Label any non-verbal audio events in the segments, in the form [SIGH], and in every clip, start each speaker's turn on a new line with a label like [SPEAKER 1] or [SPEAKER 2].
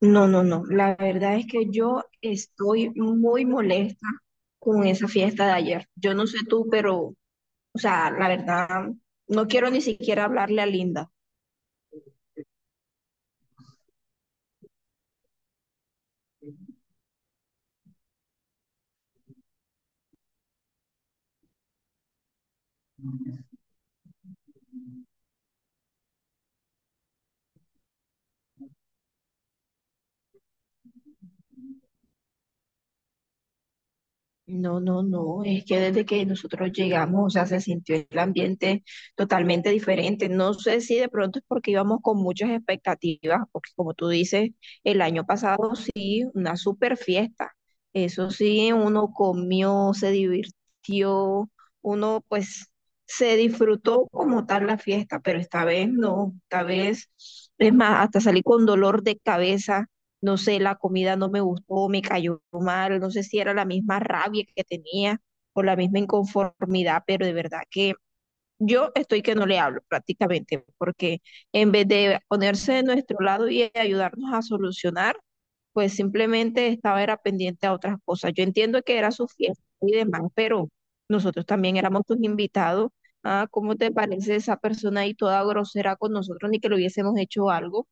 [SPEAKER 1] No, no, no. La verdad es que yo estoy muy molesta con esa fiesta de ayer. Yo no sé tú, pero, o sea, la verdad, no quiero ni siquiera hablarle a Linda. No, no, no, es que desde que nosotros llegamos, o sea, se sintió el ambiente totalmente diferente. No sé si de pronto es porque íbamos con muchas expectativas, porque como tú dices, el año pasado sí, una super fiesta. Eso sí, uno comió, se divirtió, uno pues se disfrutó como tal la fiesta, pero esta vez no, esta vez, es más, hasta salí con dolor de cabeza. No sé, la comida no me gustó, me cayó mal, no sé si era la misma rabia que tenía o la misma inconformidad, pero de verdad que yo estoy que no le hablo prácticamente, porque en vez de ponerse de nuestro lado y ayudarnos a solucionar, pues simplemente estaba era pendiente a otras cosas. Yo entiendo que era su fiesta y demás, pero nosotros también éramos tus invitados. Ah, ¿cómo te parece esa persona ahí toda grosera con nosotros, ni que le hubiésemos hecho algo?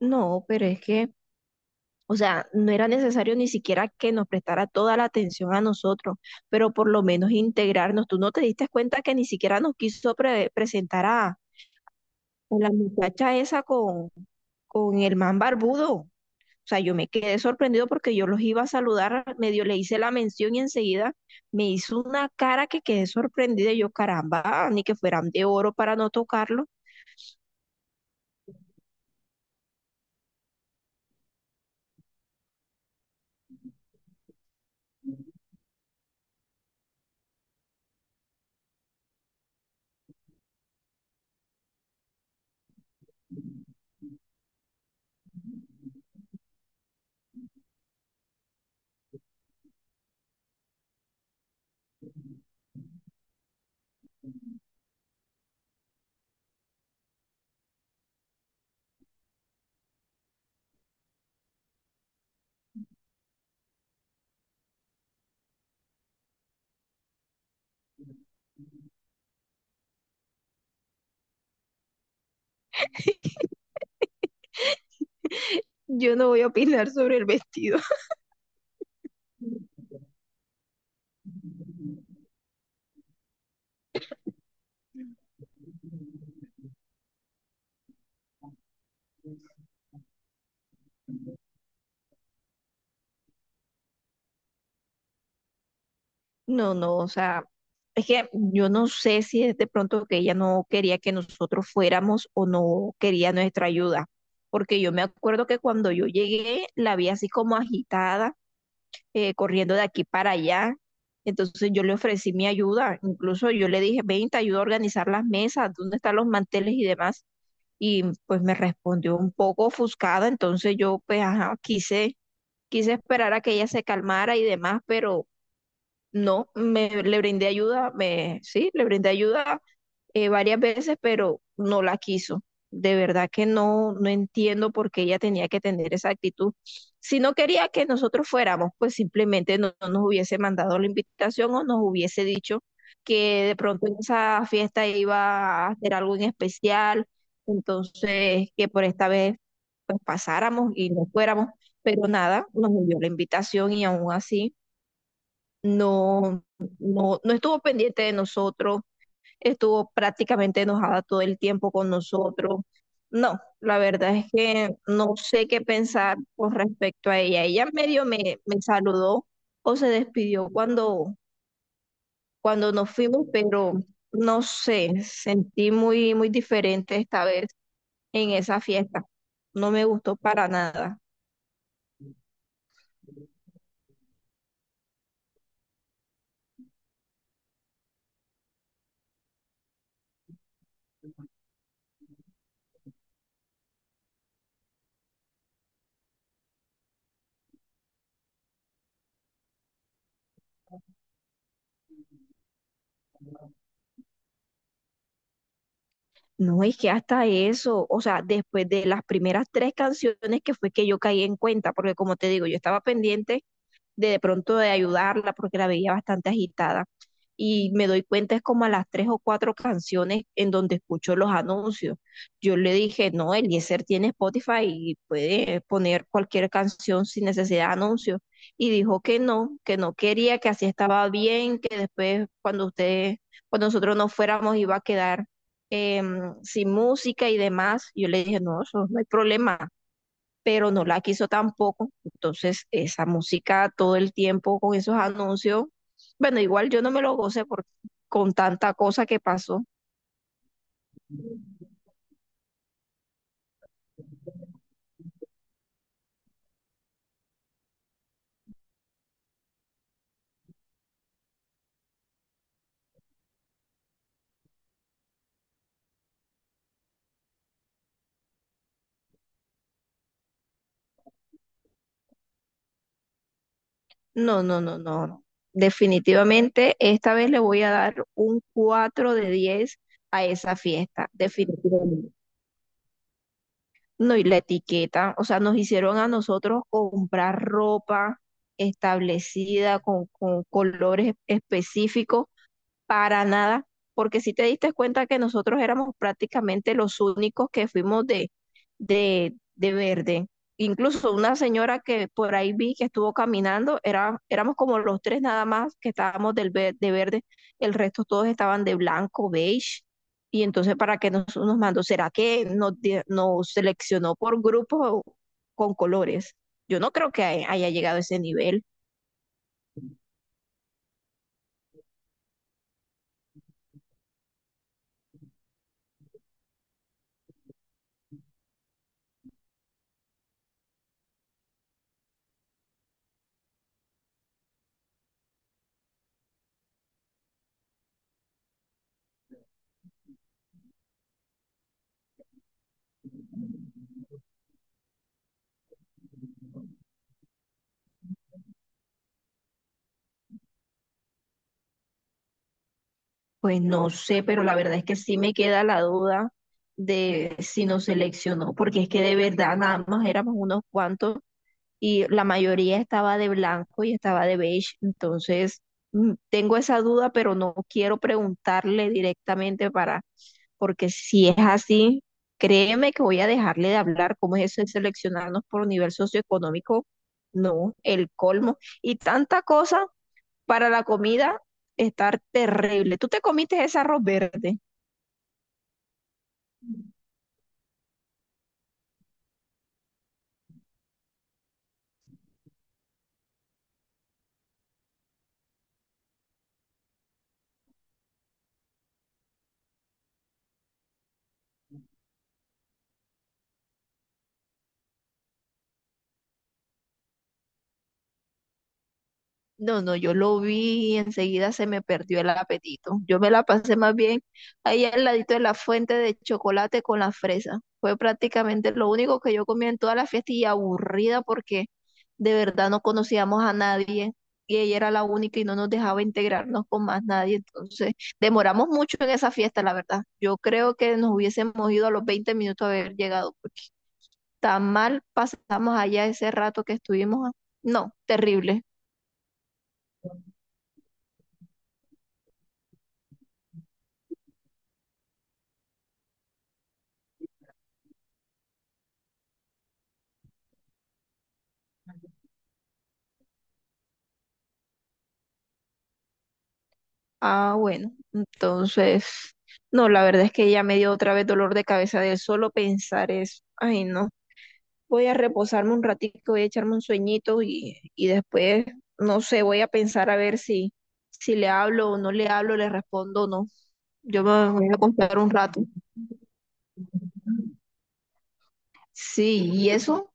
[SPEAKER 1] No, pero es que, o sea, no era necesario ni siquiera que nos prestara toda la atención a nosotros, pero por lo menos integrarnos. Tú no te diste cuenta que ni siquiera nos quiso presentar a la muchacha esa con el man barbudo. O sea, yo me quedé sorprendido porque yo los iba a saludar, medio le hice la mención y enseguida me hizo una cara que quedé sorprendida. Y yo, caramba, ni que fueran de oro para no tocarlo. [LAUGHS] Yo no voy a opinar sobre el vestido. No, no, o sea, es que yo no sé si es de pronto que ella no quería que nosotros fuéramos o no quería nuestra ayuda, porque yo me acuerdo que cuando yo llegué la vi así como agitada, corriendo de aquí para allá, entonces yo le ofrecí mi ayuda, incluso yo le dije, ven, te ayudo a organizar las mesas, dónde están los manteles y demás, y pues me respondió un poco ofuscada, entonces yo pues ajá, quise esperar a que ella se calmara y demás, pero no, me, le brindé ayuda, sí, le brindé ayuda varias veces, pero no la quiso. De verdad que no, no entiendo por qué ella tenía que tener esa actitud. Si no quería que nosotros fuéramos, pues simplemente no nos hubiese mandado la invitación o nos hubiese dicho que de pronto en esa fiesta iba a hacer algo en especial, entonces que por esta vez pues pasáramos y no fuéramos, pero nada, nos envió la invitación y aún así no, no, no estuvo pendiente de nosotros, estuvo prácticamente enojada todo el tiempo con nosotros. No, la verdad es que no sé qué pensar con respecto a ella. Ella medio me saludó o se despidió cuando nos fuimos, pero no sé, sentí muy, muy diferente esta vez en esa fiesta. No me gustó para nada. No, es que hasta eso, o sea, después de las primeras tres canciones que fue que yo caí en cuenta, porque como te digo, yo estaba pendiente de pronto de ayudarla porque la veía bastante agitada. Y me doy cuenta es como a las tres o cuatro canciones en donde escucho los anuncios. Yo le dije, no, Eliezer tiene Spotify y puede poner cualquier canción sin necesidad de anuncios. Y dijo que no quería, que así estaba bien, que después cuando usted, cuando nosotros nos fuéramos iba a quedar eh, sin música y demás. Yo le dije, no, eso no hay problema, pero no la quiso tampoco. Entonces, esa música todo el tiempo con esos anuncios, bueno, igual yo no me lo gocé, con tanta cosa que pasó. No, no, no, no, no. Definitivamente, esta vez le voy a dar un 4 de 10 a esa fiesta, definitivamente. No, y la etiqueta, o sea, nos hicieron a nosotros comprar ropa establecida con colores específicos. Para nada, porque si te diste cuenta que nosotros éramos prácticamente los únicos que fuimos de verde. Incluso una señora que por ahí vi que estuvo caminando, era, éramos como los tres nada más que estábamos de verde, el resto todos estaban de blanco, beige. Y entonces, ¿para qué nos mandó? ¿Será que nos seleccionó por grupos con colores? Yo no creo que haya llegado a ese nivel. Pues no sé, pero la verdad es que sí me queda la duda de si nos seleccionó, porque es que de verdad nada más éramos unos cuantos y la mayoría estaba de blanco y estaba de beige, entonces mm, tengo esa duda, pero no quiero preguntarle directamente para, porque si es así, créeme que voy a dejarle de hablar. ¿Cómo es eso de seleccionarnos por nivel socioeconómico? No, el colmo. Y tanta cosa para la comida, estar terrible. ¿Tú te comiste ese arroz verde? No, no, yo lo vi y enseguida se me perdió el apetito. Yo me la pasé más bien ahí al ladito de la fuente de chocolate con la fresa. Fue prácticamente lo único que yo comí en toda la fiesta y aburrida porque de verdad no conocíamos a nadie y ella era la única y no nos dejaba integrarnos con más nadie. Entonces, demoramos mucho en esa fiesta, la verdad. Yo creo que nos hubiésemos ido a los 20 minutos a haber llegado, porque tan mal pasamos allá ese rato que estuvimos. No, terrible. Ah, bueno, entonces, no, la verdad es que ya me dio otra vez dolor de cabeza de solo pensar eso. Ay, no, voy a reposarme un ratito, voy a echarme un sueñito y después, no sé, voy a pensar a ver si le hablo o no le hablo, le respondo o no. Yo me voy a acostar un rato. Sí, ¿y eso?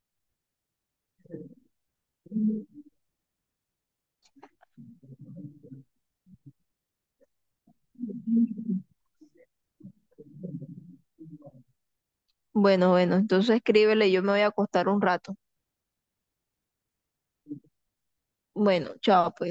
[SPEAKER 1] Bueno, bueno, entonces escríbele, yo me voy a acostar un rato. Bueno, chao, pues.